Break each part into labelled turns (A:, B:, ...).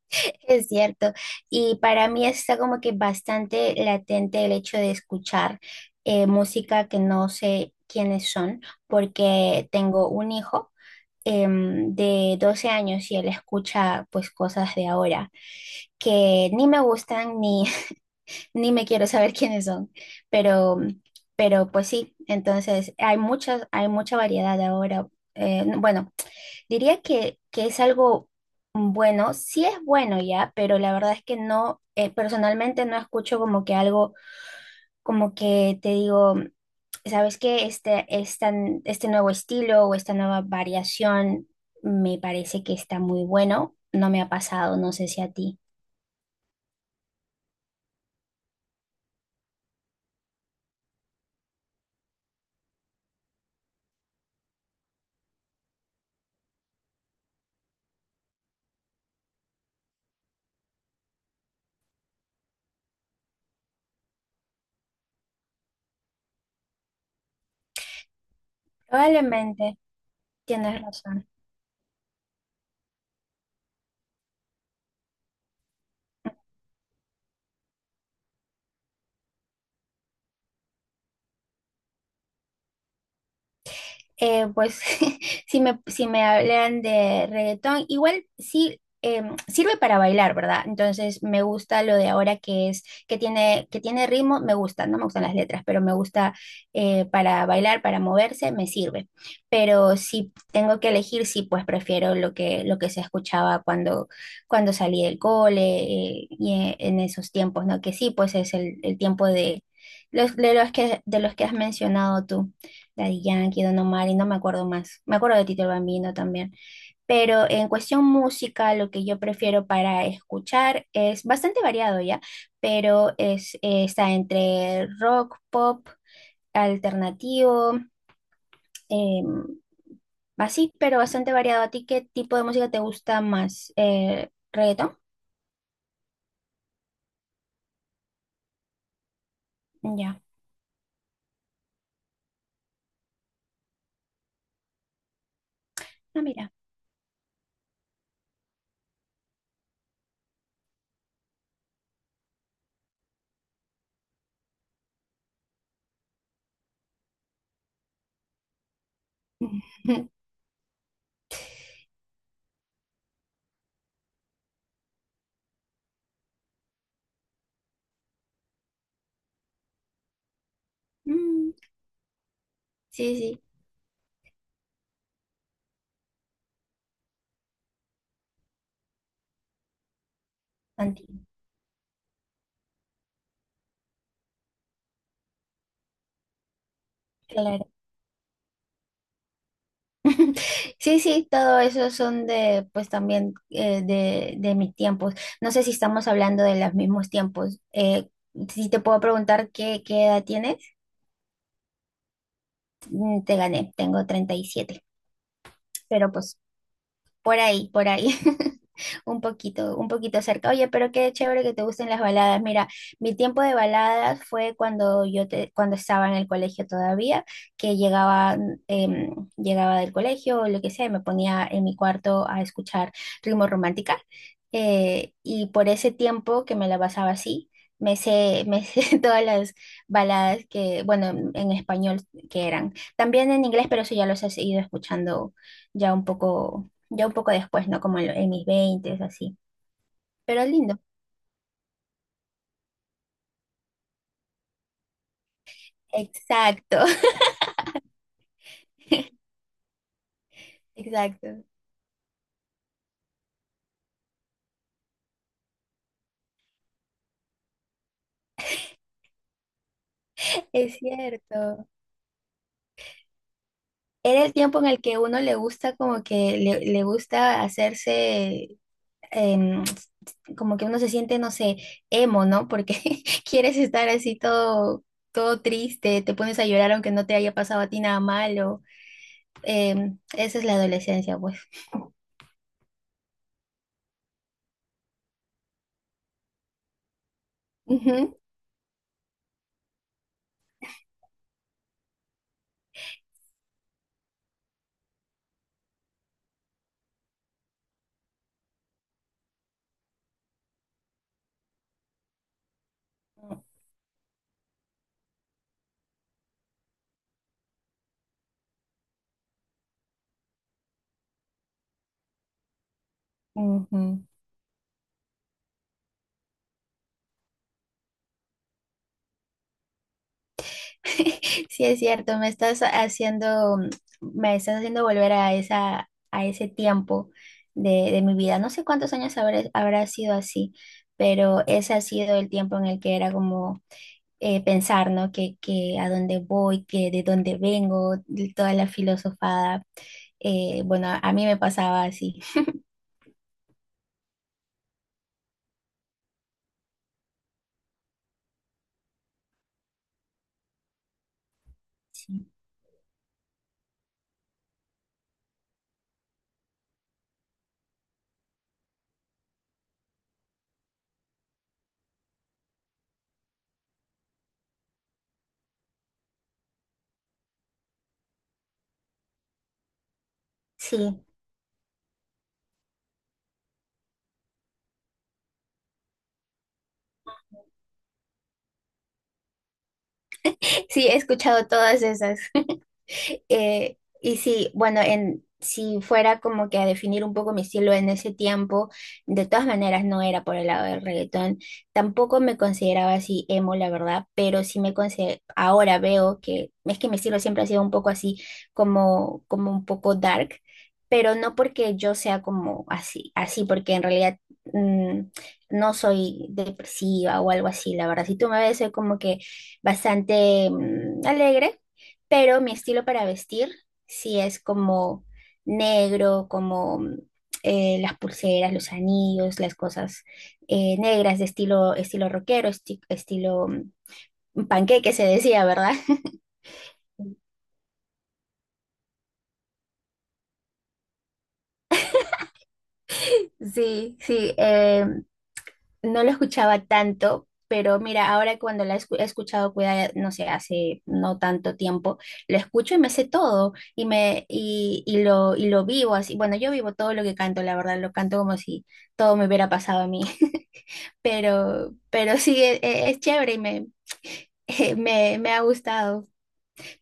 A: Es cierto, y para mí está como que bastante latente el hecho de escuchar música que no sé quiénes son, porque tengo un hijo de 12 años y él escucha pues cosas de ahora que ni me gustan ni, ni me quiero saber quiénes son, pero, pero pues sí, entonces hay mucha variedad ahora. eh, bueno, Diría que es algo bueno, sí es bueno ya, pero la verdad es que no, personalmente no escucho como que algo, como que te digo, ¿sabes qué? Este nuevo estilo o esta nueva variación me parece que está muy bueno. No me ha pasado, no sé si a ti. Probablemente, tienes razón. Pues si me hablan de reggaetón, igual sí sirve para bailar, ¿verdad? Entonces me gusta lo de ahora que tiene ritmo, me gusta, no me gustan las letras, pero me gusta para bailar, para moverse, me sirve. Pero si tengo que elegir, sí, pues prefiero lo que se escuchaba cuando salí del cole, y en esos tiempos, ¿no? Que sí, pues es el tiempo de de los que has mencionado tú. Daddy Yankee, Don Omar y no me acuerdo más. Me acuerdo de Tito el Bambino también. Pero en cuestión música, lo que yo prefiero para escuchar es bastante variado ya, pero es, está entre rock, pop, alternativo, em, así, pero bastante variado. ¿A ti qué tipo de música te gusta más? ¿Eh, reggaetón? Ya. Ah, mira. Mm, sí, sí, sí. Anti, claro. Sí, sí, todo eso son de, pues también, de mis tiempos. No sé si estamos hablando de los mismos tiempos. Si te puedo preguntar qué edad tienes. Mm, te gané, tengo 37. Pero pues por ahí, por ahí. Un poquito cerca. Oye, pero qué chévere que te gusten las baladas. Mira, mi tiempo de baladas fue cuando estaba en el colegio todavía, que llegaba, llegaba del colegio o lo que sea, y me ponía en mi cuarto a escuchar ritmo romántica. Y por ese tiempo que me la pasaba así, me sé todas las baladas que, bueno, en español que eran. También en inglés, pero eso ya los he ido escuchando ya un poco ya un poco después, ¿no? Como en, en mis veintes, así. Pero lindo. Exacto, exacto. Es cierto. Era el tiempo en el que uno le gusta como que le gusta hacerse, em, como que uno se siente, no sé, emo, ¿no? Porque quieres estar así todo triste, te pones a llorar aunque no te haya pasado a ti nada malo. Esa es la adolescencia, pues. Ujú, ujú. Sí, es cierto, me estás haciendo volver a a ese tiempo de mi vida. No sé cuántos habrá sido así, pero ese ha sido el tiempo en el que era como pensar, ¿no? Que a dónde voy, que de dónde vengo, de toda la filosofada. Bueno, a mí me pasaba así. Sí. Sí, he escuchado todas esas. Si fuera como que a definir un poco mi estilo en ese tiempo, de todas maneras no era por el lado del reggaetón, tampoco me consideraba así emo, la verdad, pero ahora veo que es que mi estilo siempre ha sido un poco así, como un poco dark, pero no porque yo sea como así, así, porque en realidad mm, no soy depresiva o algo así, la verdad. Si tú me ves, soy como que bastante alegre, pero mi estilo para vestir sí es como negro, como las pulseras, los anillos, las cosas negras de estilo, estilo panqueque se decía, ¿verdad? Sí, sí, no lo escuchaba tanto. Pero mira, ahora cuando he escuchado, cuida, no sé, hace no tanto tiempo, lo escucho y me sé todo y lo vivo así. Bueno, yo vivo todo lo que canto, la verdad, lo canto como si todo me hubiera pasado a mí. Pero sí, es chévere y me ha gustado.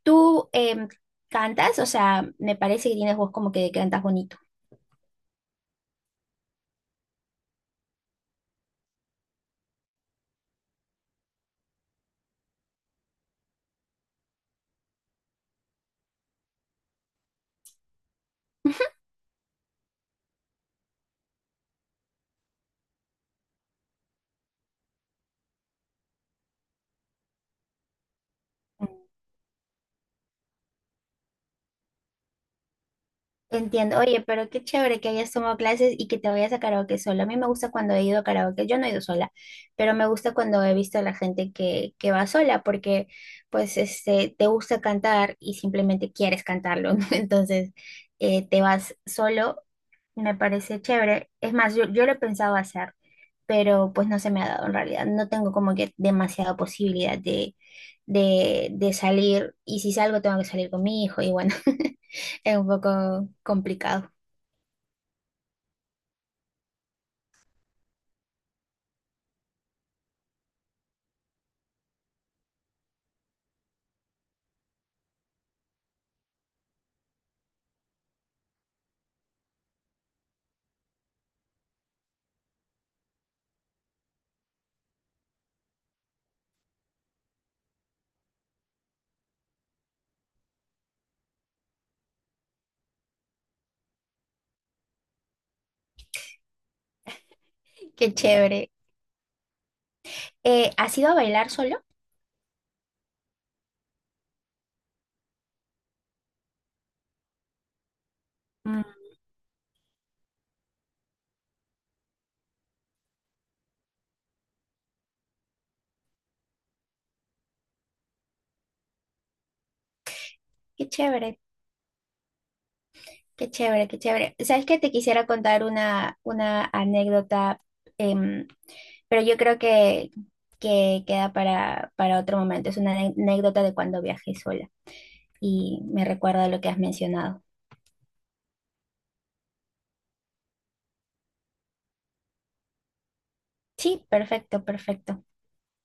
A: ¿Tú cantas? O sea, me parece que tienes voz como que cantas bonito. Mm. Entiendo, oye, pero qué chévere que hayas tomado clases y que te vayas a karaoke sola. A mí me gusta cuando he ido a karaoke, yo no he ido sola, pero me gusta cuando he visto a la gente que va sola porque pues este, te gusta cantar y simplemente quieres cantarlo, ¿no? Entonces te vas solo. Me parece chévere. Es más, yo lo he pensado hacer, pero pues no se me ha dado en realidad. No tengo como que demasiada posibilidad de salir. Y si salgo, tengo que salir con mi hijo. Y bueno, es un poco complicado. Qué chévere. ¿Has ido a bailar solo? Mm, qué chévere, qué chévere, qué chévere. ¿Sabes qué? Te quisiera contar una anécdota, em, pero yo creo que queda para otro momento. Es una anécdota de cuando viajé sola. Y me recuerda lo que has mencionado. Sí, perfecto, perfecto.